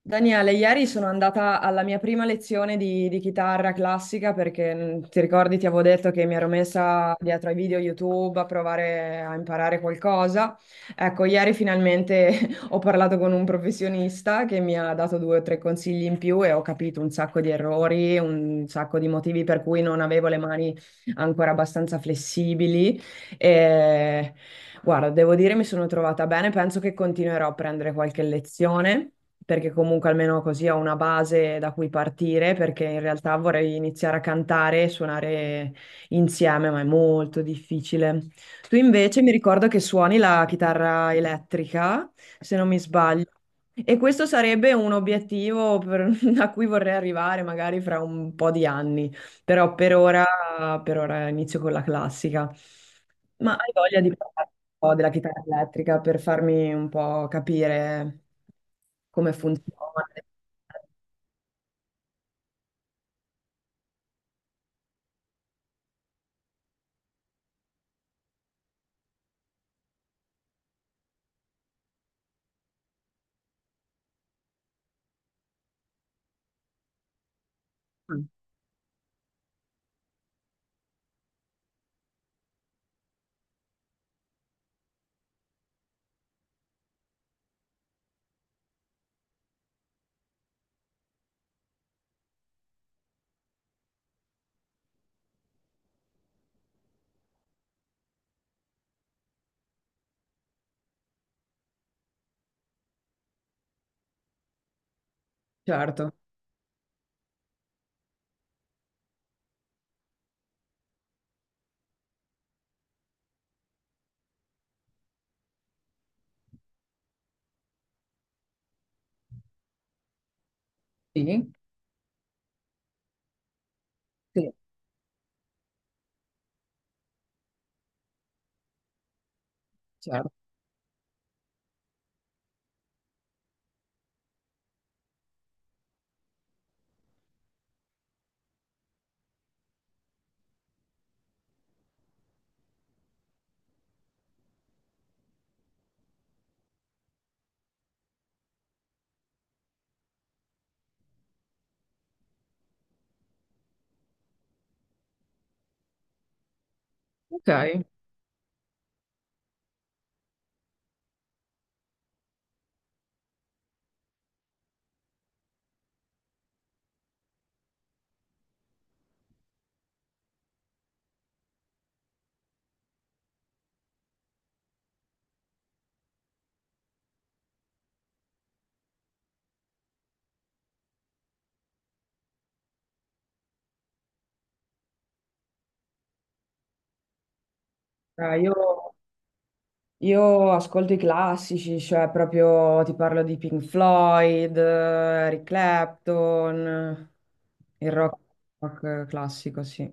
Daniele, ieri sono andata alla mia prima lezione di chitarra classica perché ti ricordi, ti avevo detto che mi ero messa dietro ai video YouTube a provare a imparare qualcosa. Ecco, ieri finalmente ho parlato con un professionista che mi ha dato due o tre consigli in più e ho capito un sacco di errori, un sacco di motivi per cui non avevo le mani ancora abbastanza flessibili. E... Guarda, devo dire mi sono trovata bene, penso che continuerò a prendere qualche lezione, perché comunque almeno così ho una base da cui partire, perché in realtà vorrei iniziare a cantare e suonare insieme, ma è molto difficile. Tu invece mi ricordo che suoni la chitarra elettrica, se non mi sbaglio, e questo sarebbe un obiettivo a cui vorrei arrivare magari fra un po' di anni. Però per ora inizio con la classica. Ma hai voglia di parlare un po' della chitarra elettrica per farmi un po' capire come funziona? Mm, certo, sì, sì, certo. Ok. Io, io ascolto i classici, cioè proprio ti parlo di Pink Floyd, Eric Clapton, il rock, rock classico, sì.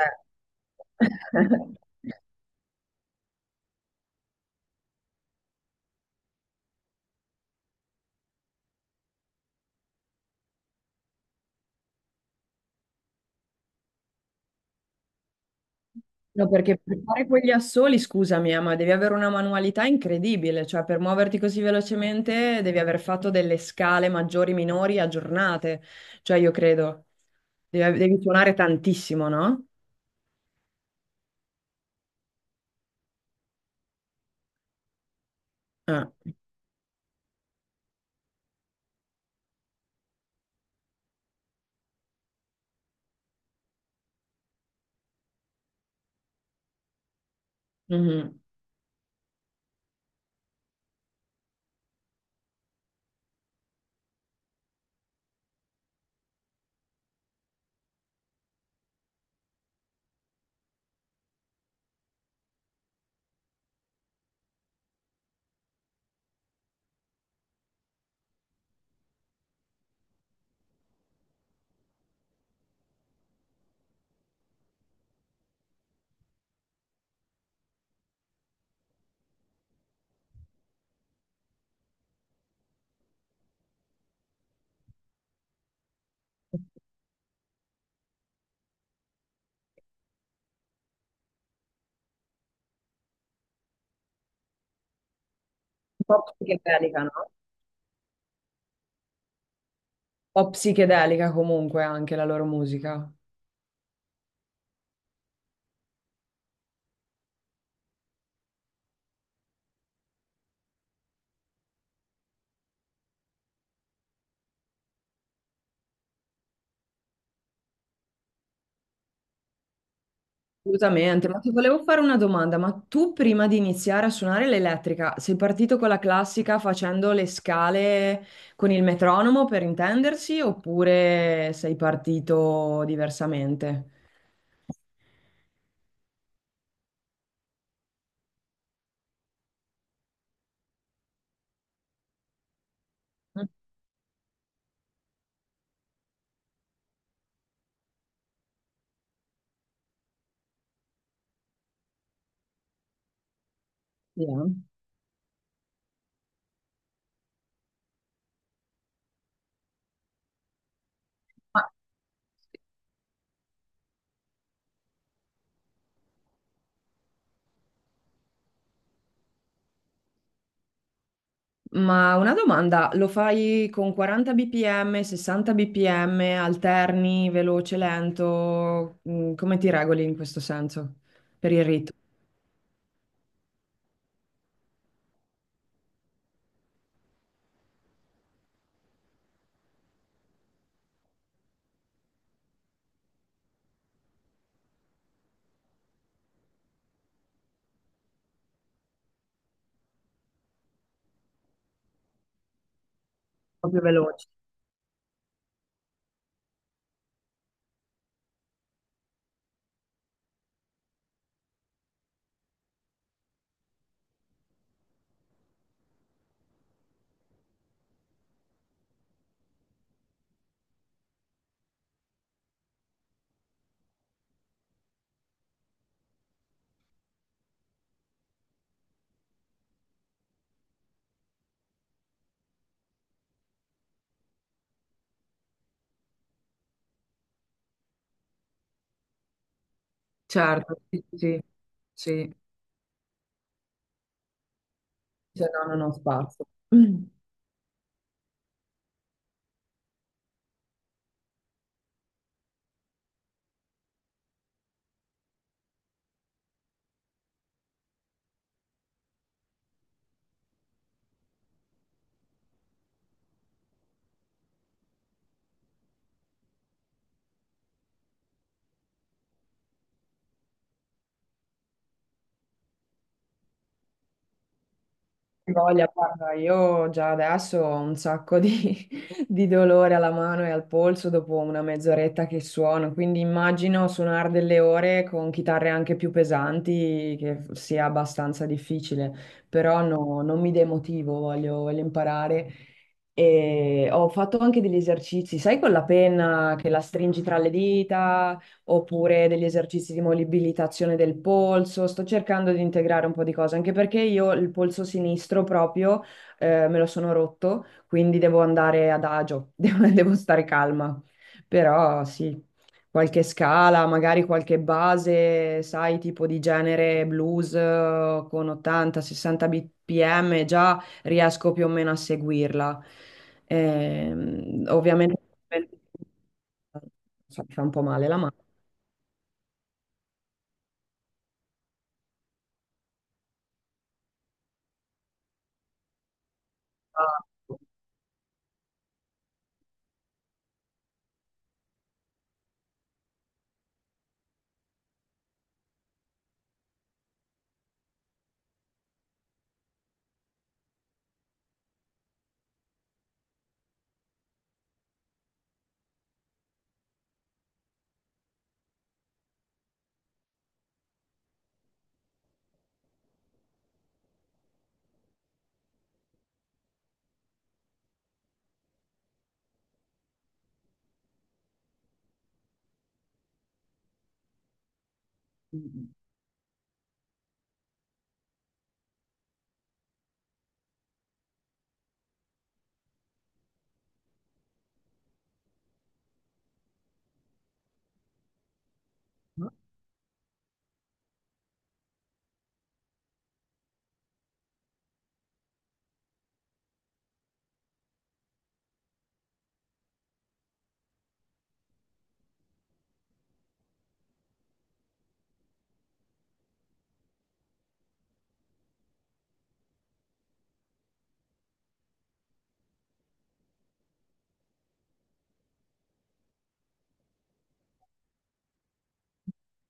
Eh. No, perché per fare quegli assoli, scusami, ma devi avere una manualità incredibile, cioè per muoverti così velocemente devi aver fatto delle scale maggiori, minori, aggiornate, cioè io credo, devi suonare tantissimo, no? Eh. Mhm. Un po' psichedelica, no? Un po' psichedelica comunque anche la loro musica. Assolutamente, ma ti volevo fare una domanda, ma tu prima di iniziare a suonare l'elettrica sei partito con la classica facendo le scale con il metronomo per intendersi oppure sei partito diversamente? Sì, eh. Ma, ma una domanda, lo fai con 40 bpm, 60 bpm, alterni, veloce, lento? Mm, come ti regoli in questo senso per il ritmo? Proprio veloce. Certo, sì, sì, sì. Dice, no, non ho spazio. Hai voglia, guarda, io già adesso ho un sacco di, di dolore alla mano e al polso dopo una mezz'oretta che suono, quindi immagino suonare delle ore con chitarre anche più pesanti che sia abbastanza difficile, però no, non mi demotivo, voglio imparare. E ho fatto anche degli esercizi, sai, con la penna che la stringi tra le dita oppure degli esercizi di mobilitazione del polso. Sto cercando di integrare un po' di cose, anche perché io il polso sinistro proprio me lo sono rotto, quindi devo andare ad agio, devo stare calma. Però sì, qualche scala, magari qualche base, sai, tipo di genere blues con 80-60 bpm, già riesco più o meno a seguirla. Ovviamente so, mi fa un po' male la mano.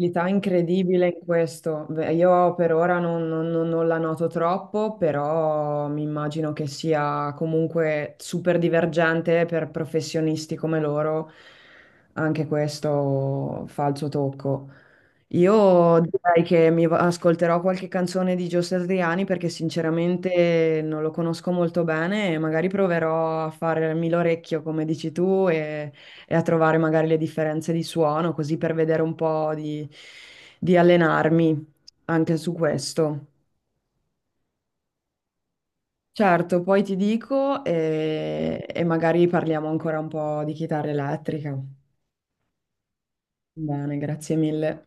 L'età incredibile in questo. Beh, io per ora non la noto troppo, però mi immagino che sia comunque super divergente per professionisti come loro. Anche questo fa il suo tocco. Io direi che ascolterò qualche canzone di Gio Satriani perché sinceramente non lo conosco molto bene e magari proverò a farmi l'orecchio, come dici tu, e a trovare magari le differenze di suono, così per vedere un po' di, allenarmi anche su questo. Certo, poi ti dico e magari parliamo ancora un po' di chitarra elettrica. Bene, grazie mille.